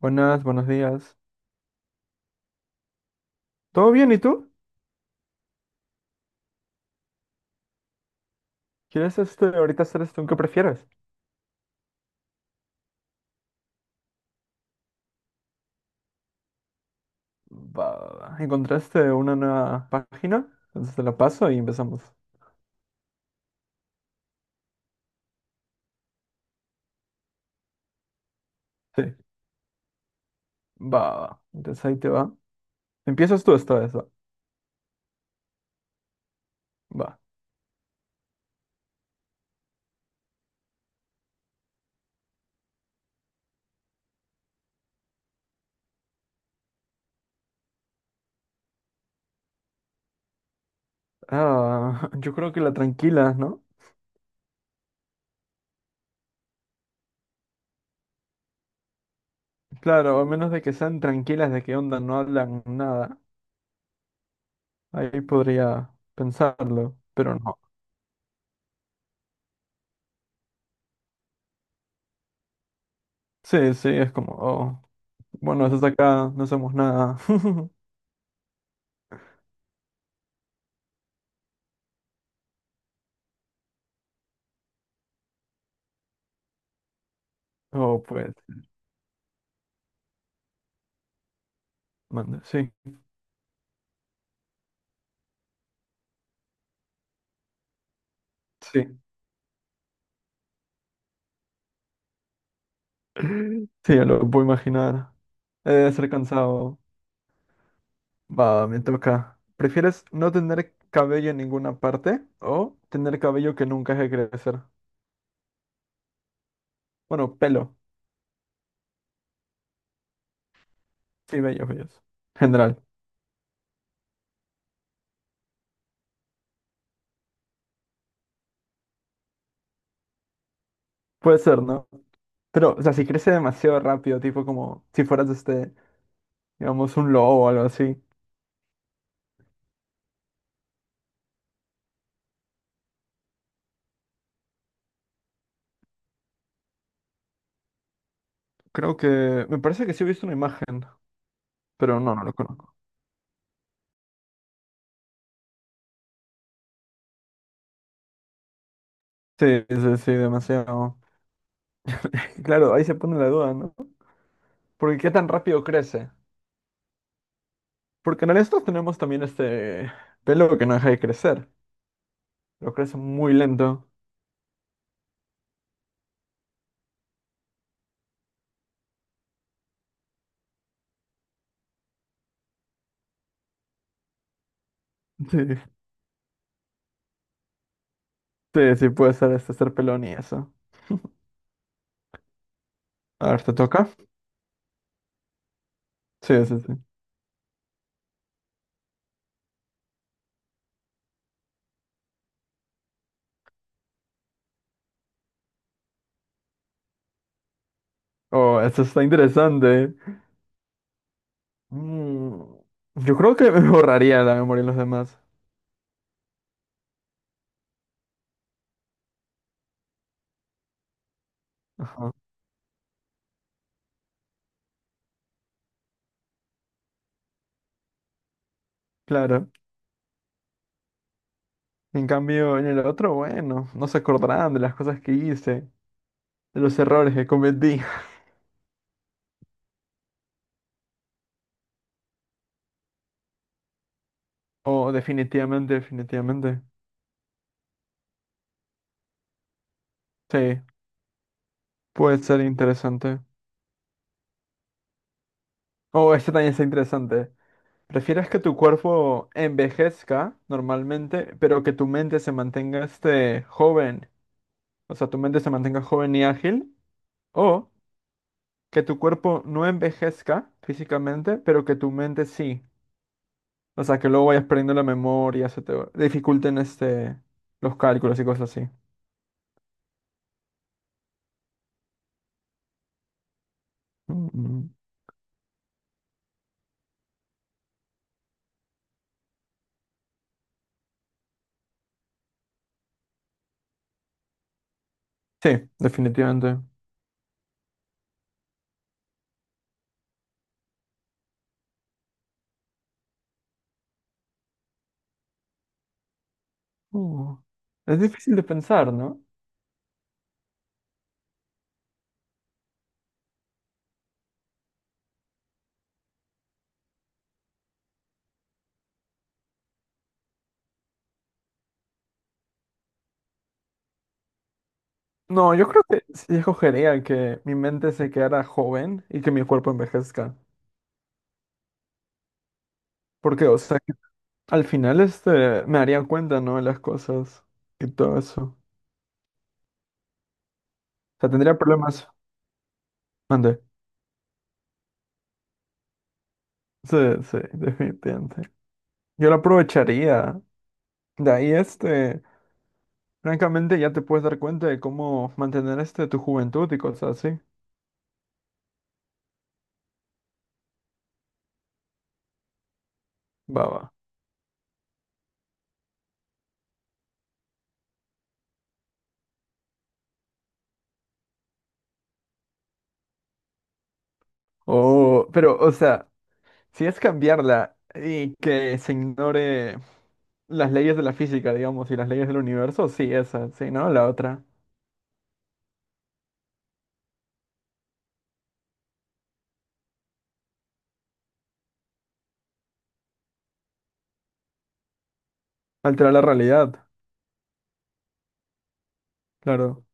Buenas, buenos días. ¿Todo bien? ¿Y tú? ¿Quieres ahorita hacer esto? ¿Qué prefieres? Va, va, va. ¿Encontraste una nueva página? Entonces te la paso y empezamos. Sí. Va, va, va. Entonces ahí te va. Empiezas tú esta vez, va. Va. Ah, yo creo que la tranquila, ¿no? Claro, a menos de que sean tranquilas, de qué onda, no hablan nada. Ahí podría pensarlo, pero no. Sí, sí, es como, oh, bueno, estás acá, no hacemos nada. Oh, pues, manda, sí, sí. Sí, ya lo puedo imaginar. He de ser cansado. Va, me toca. ¿Prefieres no tener cabello en ninguna parte o tener cabello que nunca deje de crecer? Bueno, pelo. Sí, bello, bello. General. Puede ser, ¿no? Pero, o sea, si crece demasiado rápido, tipo como si fueras, digamos, un lobo o algo así. Creo que... Me parece que sí he visto una imagen, pero no, no lo conozco. Sí, sí, sí, demasiado. Claro, ahí se pone la duda, ¿no? Porque qué tan rápido crece. Porque en estos tenemos también este pelo que no deja de crecer. Lo crece muy lento. Sí, sí, sí, puede ser ser pelón y eso. A ver, ¿te toca? Sí, sí, sí. Oh, esto está interesante. Mm, yo creo que me borraría la memoria de los demás. Ajá, claro. En cambio, en el otro, bueno, no se acordarán de las cosas que hice, de los errores que cometí. Oh, definitivamente, definitivamente. Sí, puede ser interesante. Oh, este también está interesante. ¿Prefieres que tu cuerpo envejezca normalmente, pero que tu mente se mantenga joven? O sea, tu mente se mantenga joven y ágil. O que tu cuerpo no envejezca físicamente, pero que tu mente sí. O sea, que luego vayas perdiendo la memoria, dificulten los cálculos y cosas así. Mm, sí, definitivamente. Uh, es difícil de pensar, ¿no? No, yo creo que sí escogería que mi mente se quedara joven y que mi cuerpo envejezca. ¿Por qué? O sea, al final, me daría cuenta, ¿no? De las cosas y todo eso. O sea, tendría problemas. Mande. Sí, sí, definitivamente. Yo lo aprovecharía. De ahí, francamente, ya te puedes dar cuenta de cómo mantener, tu juventud y cosas así. Va, va. O, pero, o sea, si es cambiarla y que se ignore las leyes de la física, digamos, y las leyes del universo, sí, esa, sí, ¿no? La otra. Alterar la realidad. Claro,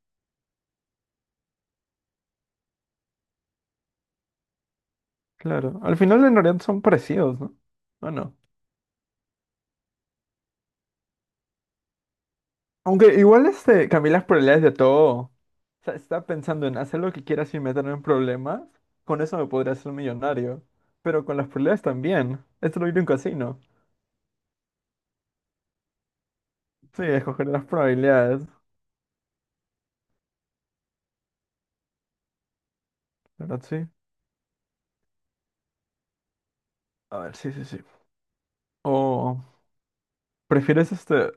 claro. Al final, en realidad son parecidos, ¿no? ¿O no? Aunque igual Camila las probabilidades de todo. O sea, estaba pensando en hacer lo que quiera sin meterme en problemas. Con eso me podría hacer millonario. Pero con las probabilidades también. Esto lo vi en un casino. Sí, escoger las probabilidades. ¿Verdad? Sí. A ver, sí, sí, sí. O prefieres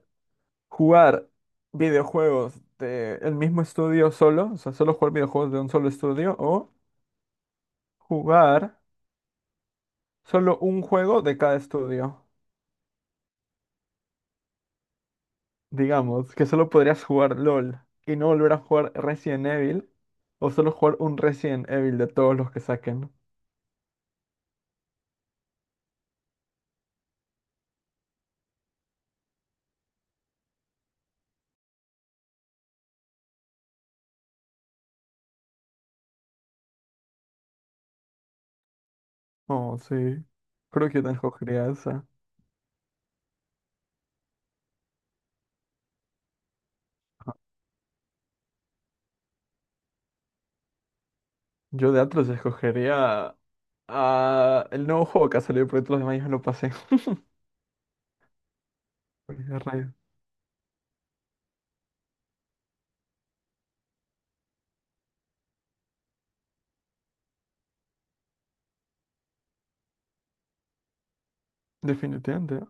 jugar videojuegos de el mismo estudio solo, o sea, solo jugar videojuegos de un solo estudio, o jugar solo un juego de cada estudio. Digamos que solo podrías jugar LOL y no volver a jugar Resident Evil, o solo jugar un Resident Evil de todos los que saquen. Oh, sí. Creo que yo también escogería esa. Yo de Atlus escogería a el nuevo juego que ha salido, porque todos los demás ya me lo pasé. Porque qué rayos. Definitivamente.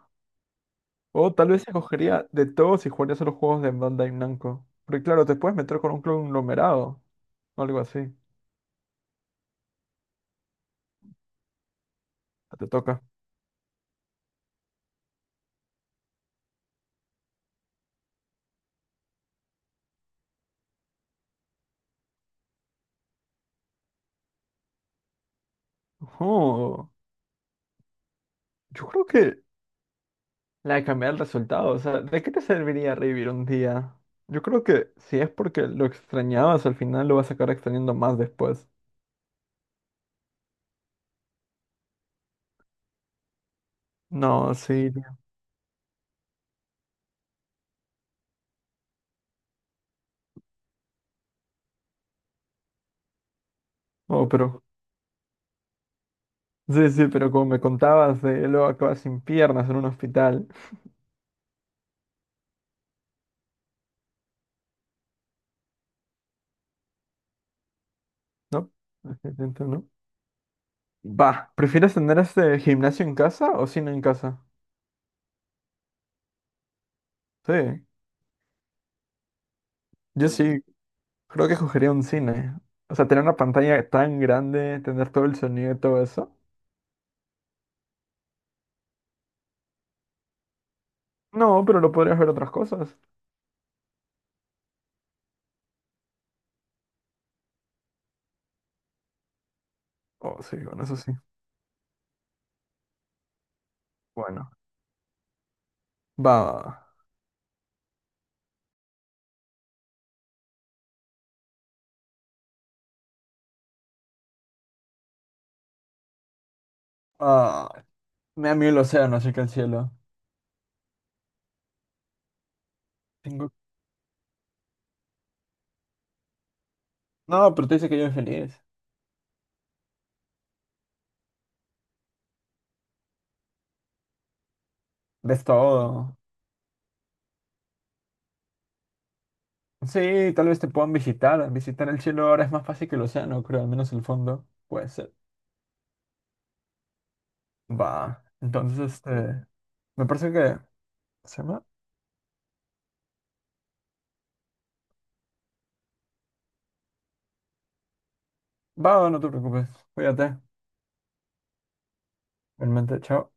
O tal vez escogería de todos y jugaría solo juegos de Bandai Namco. Porque claro, te puedes meter con un conglomerado o algo así. Te toca. Oh, yo creo que la de cambiar el resultado, o sea, ¿de qué te serviría revivir un día? Yo creo que si es porque lo extrañabas, al final lo vas a acabar extrañando más después. No, sí, tío. Oh, pero. Sí, sí, pero como me contabas, de luego acabas sin piernas en un hospital, ¿no? Entiendo, ¿no? Va, ¿prefieres tener gimnasio en casa o cine en casa? Sí, yo sí, creo que escogería un cine. O sea, tener una pantalla tan grande, tener todo el sonido y todo eso. No, pero lo podrías ver otras cosas. Oh, sí, bueno, eso sí. Bueno. Va, va, va. Ah, me da miedo el océano, así que el cielo. Tengo... No, pero te dice que yo soy feliz. Ves todo. Sí, tal vez te puedan visitar. Visitar el cielo ahora es más fácil que el océano, creo, al menos el fondo. Puede ser. Va. Entonces. Me parece que. ¿Se llama? Va, no te preocupes. Cuídate. Realmente, chao.